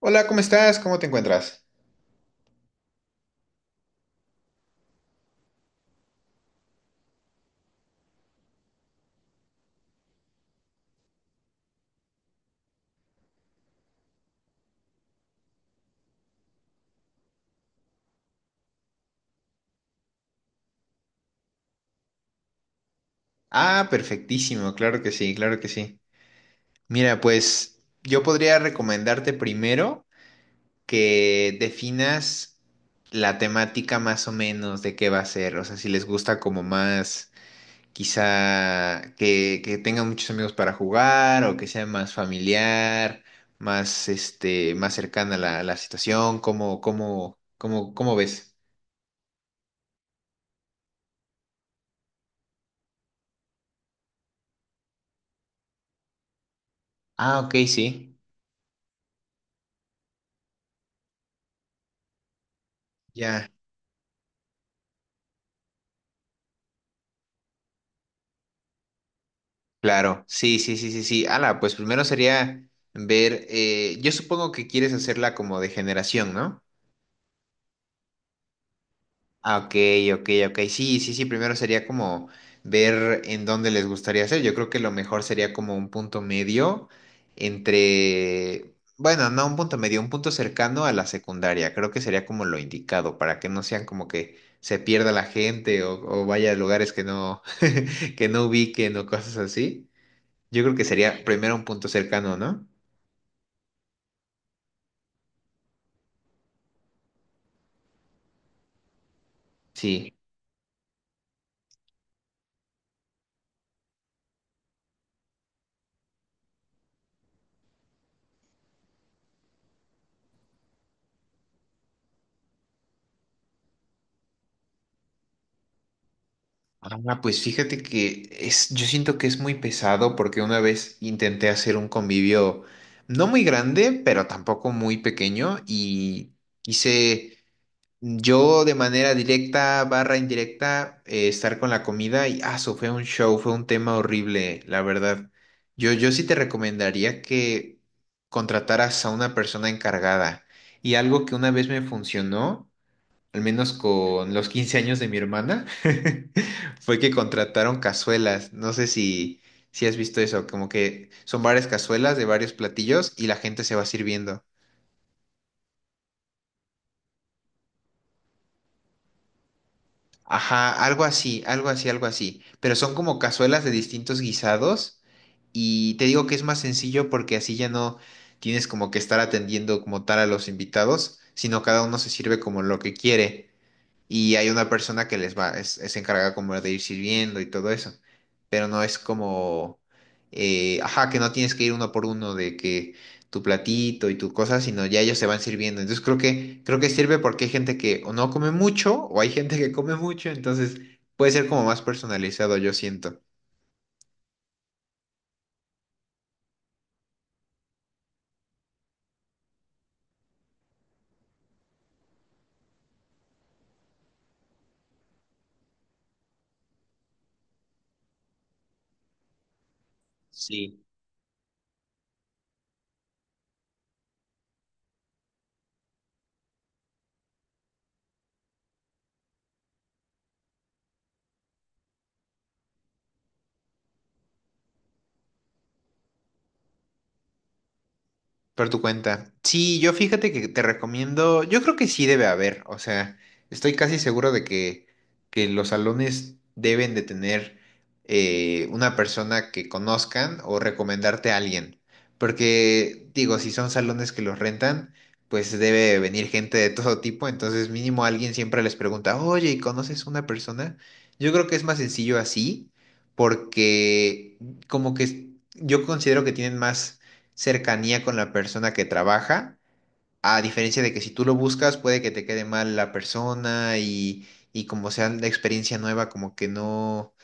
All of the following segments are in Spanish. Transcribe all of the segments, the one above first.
Hola, ¿cómo estás? ¿Cómo te encuentras? Ah, perfectísimo, claro que sí, claro que sí. Mira, pues yo podría recomendarte primero que definas la temática más o menos de qué va a ser, o sea, si les gusta como más, quizá que tengan muchos amigos para jugar o que sea más familiar, más, este, más cercana a la situación, ¿cómo ves? Ah, ok, sí, ya. Claro, sí, sí, sí, sí, sí. Ala, pues primero sería ver, yo supongo que quieres hacerla como de generación, ¿no? Ah, ok, ok, ok. Sí, sí, sí, primero sería como ver en dónde les gustaría hacer. Yo creo que lo mejor sería como un punto medio entre, bueno, no un punto medio, un punto cercano a la secundaria. Creo que sería como lo indicado para que no sean como que se pierda la gente o vaya a lugares que no, que no ubiquen o cosas así. Yo creo que sería primero un punto cercano, ¿no? Sí. Ah, pues fíjate que es, yo siento que es muy pesado porque una vez intenté hacer un convivio no muy grande, pero tampoco muy pequeño y quise yo de manera directa barra indirecta estar con la comida y eso fue un show, fue un tema horrible, la verdad. Yo sí te recomendaría que contrataras a una persona encargada y algo que una vez me funcionó al menos con los 15 años de mi hermana. Fue que contrataron cazuelas. No sé si has visto eso, como que son varias cazuelas de varios platillos y la gente se va sirviendo. Ajá, algo así, algo así, algo así. Pero son como cazuelas de distintos guisados y te digo que es más sencillo porque así ya no tienes como que estar atendiendo como tal a los invitados, sino cada uno se sirve como lo que quiere. Y hay una persona que les va, es encargada como de ir sirviendo y todo eso, pero no es como, ajá, que no tienes que ir uno por uno de que tu platito y tu cosa, sino ya ellos se van sirviendo. Entonces creo que sirve porque hay gente que o no come mucho o hay gente que come mucho, entonces puede ser como más personalizado, yo siento. Sí. Por tu cuenta. Sí, yo fíjate que te recomiendo, yo creo que sí debe haber, o sea, estoy casi seguro de que los salones deben de tener una persona que conozcan o recomendarte a alguien, porque digo, si son salones que los rentan, pues debe venir gente de todo tipo, entonces mínimo alguien siempre les pregunta, oye, ¿y conoces una persona? Yo creo que es más sencillo así, porque como que yo considero que tienen más cercanía con la persona que trabaja, a diferencia de que si tú lo buscas puede que te quede mal la persona y como sea la experiencia nueva, como que no,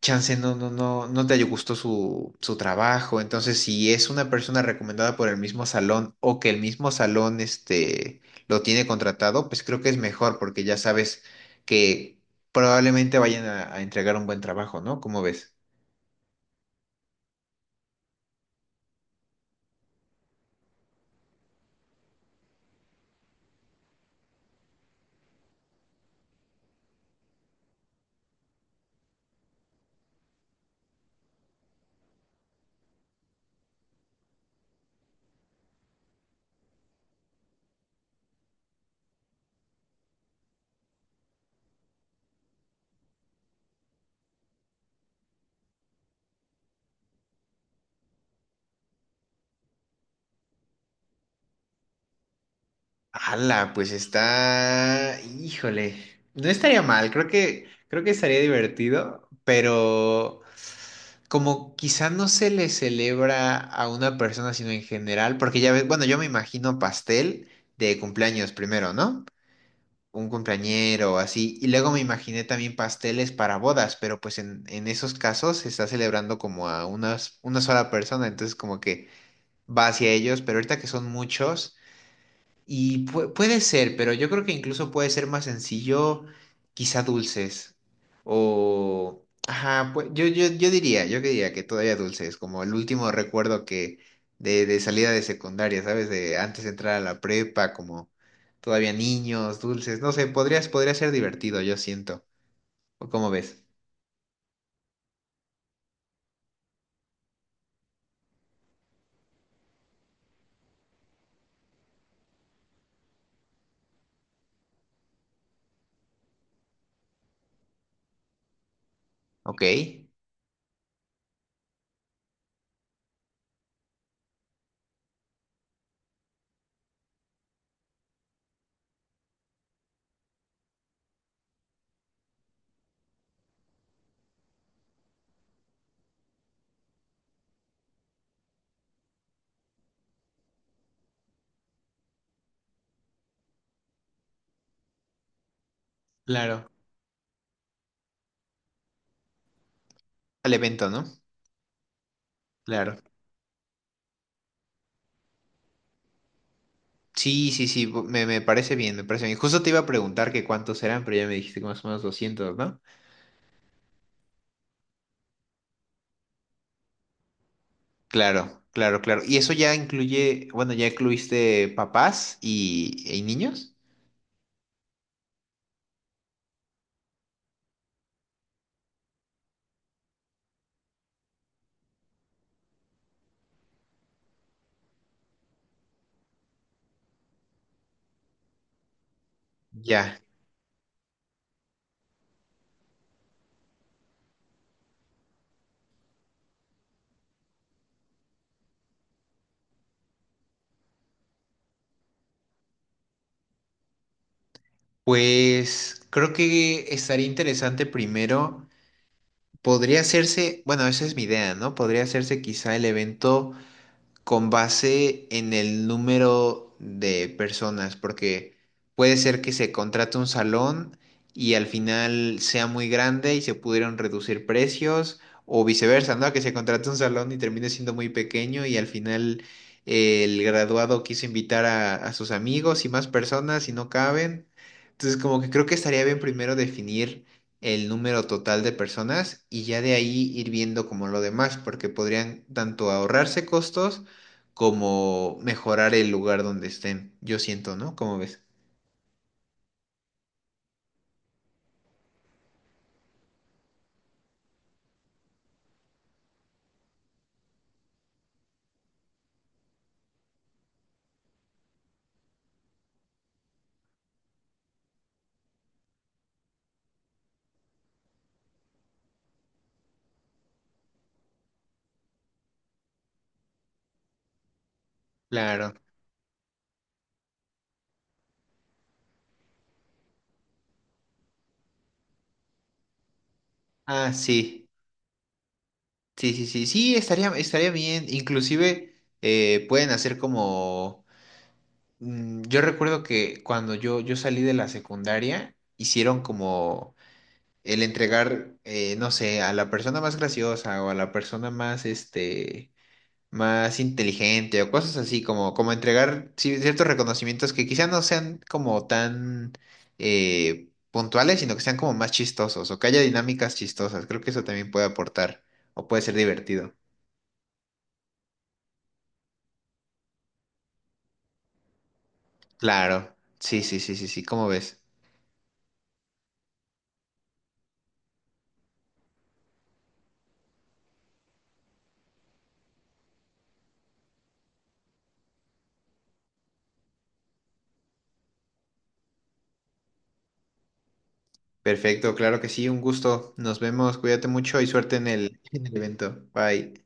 chance no te gustó su trabajo. Entonces, si es una persona recomendada por el mismo salón o que el mismo salón este, lo tiene contratado, pues creo que es mejor porque ya sabes que probablemente vayan a entregar un buen trabajo, ¿no? ¿Cómo ves? Ala, pues está, híjole, no estaría mal, creo que estaría divertido, pero como quizá no se le celebra a una persona, sino en general, porque ya ves, bueno, yo me imagino pastel de cumpleaños primero, ¿no? Un cumpleañero o así, y luego me imaginé también pasteles para bodas, pero pues en esos casos se está celebrando como a unas, una sola persona, entonces como que va hacia ellos, pero ahorita que son muchos. Y puede ser, pero yo creo que incluso puede ser más sencillo, quizá dulces. O, ajá, pues yo diría, yo que diría que todavía dulces, como el último recuerdo que de salida de secundaria, ¿sabes? De antes de entrar a la prepa, como todavía niños, dulces, no sé, podrías, podría ser divertido, yo siento. ¿O cómo ves? Ok, claro. Al evento, ¿no? Claro. Sí, sí, sí, me parece bien, me parece bien. Justo te iba a preguntar que cuántos eran, pero ya me dijiste que más o menos 200, ¿no? Claro, claro, claro. ¿Y eso ya incluye, bueno, ya incluiste papás y niños? Ya. Pues creo que estaría interesante primero, podría hacerse, bueno, esa es mi idea, ¿no? Podría hacerse quizá el evento con base en el número de personas, porque puede ser que se contrate un salón y al final sea muy grande y se pudieron reducir precios, o viceversa, ¿no? Que se contrate un salón y termine siendo muy pequeño y al final el graduado quiso invitar a sus amigos y más personas y no caben. Entonces, como que creo que estaría bien primero definir el número total de personas y ya de ahí ir viendo como lo demás, porque podrían tanto ahorrarse costos, como mejorar el lugar donde estén. Yo siento, ¿no? ¿Cómo ves? Claro. Ah, sí. Sí, sí, sí. Sí, estaría, estaría bien. Inclusive pueden hacer como... yo recuerdo que cuando yo salí de la secundaria, hicieron como el entregar, no sé, a la persona más graciosa o a la persona más, este... más inteligente o cosas así, como, como entregar ciertos reconocimientos que quizá no sean como tan puntuales, sino que sean como más chistosos o que haya dinámicas chistosas. Creo que eso también puede aportar o puede ser divertido. Claro, sí, sí, sí, sí, sí, ¿cómo ves? Perfecto, claro que sí, un gusto. Nos vemos, cuídate mucho y suerte en el evento. Bye.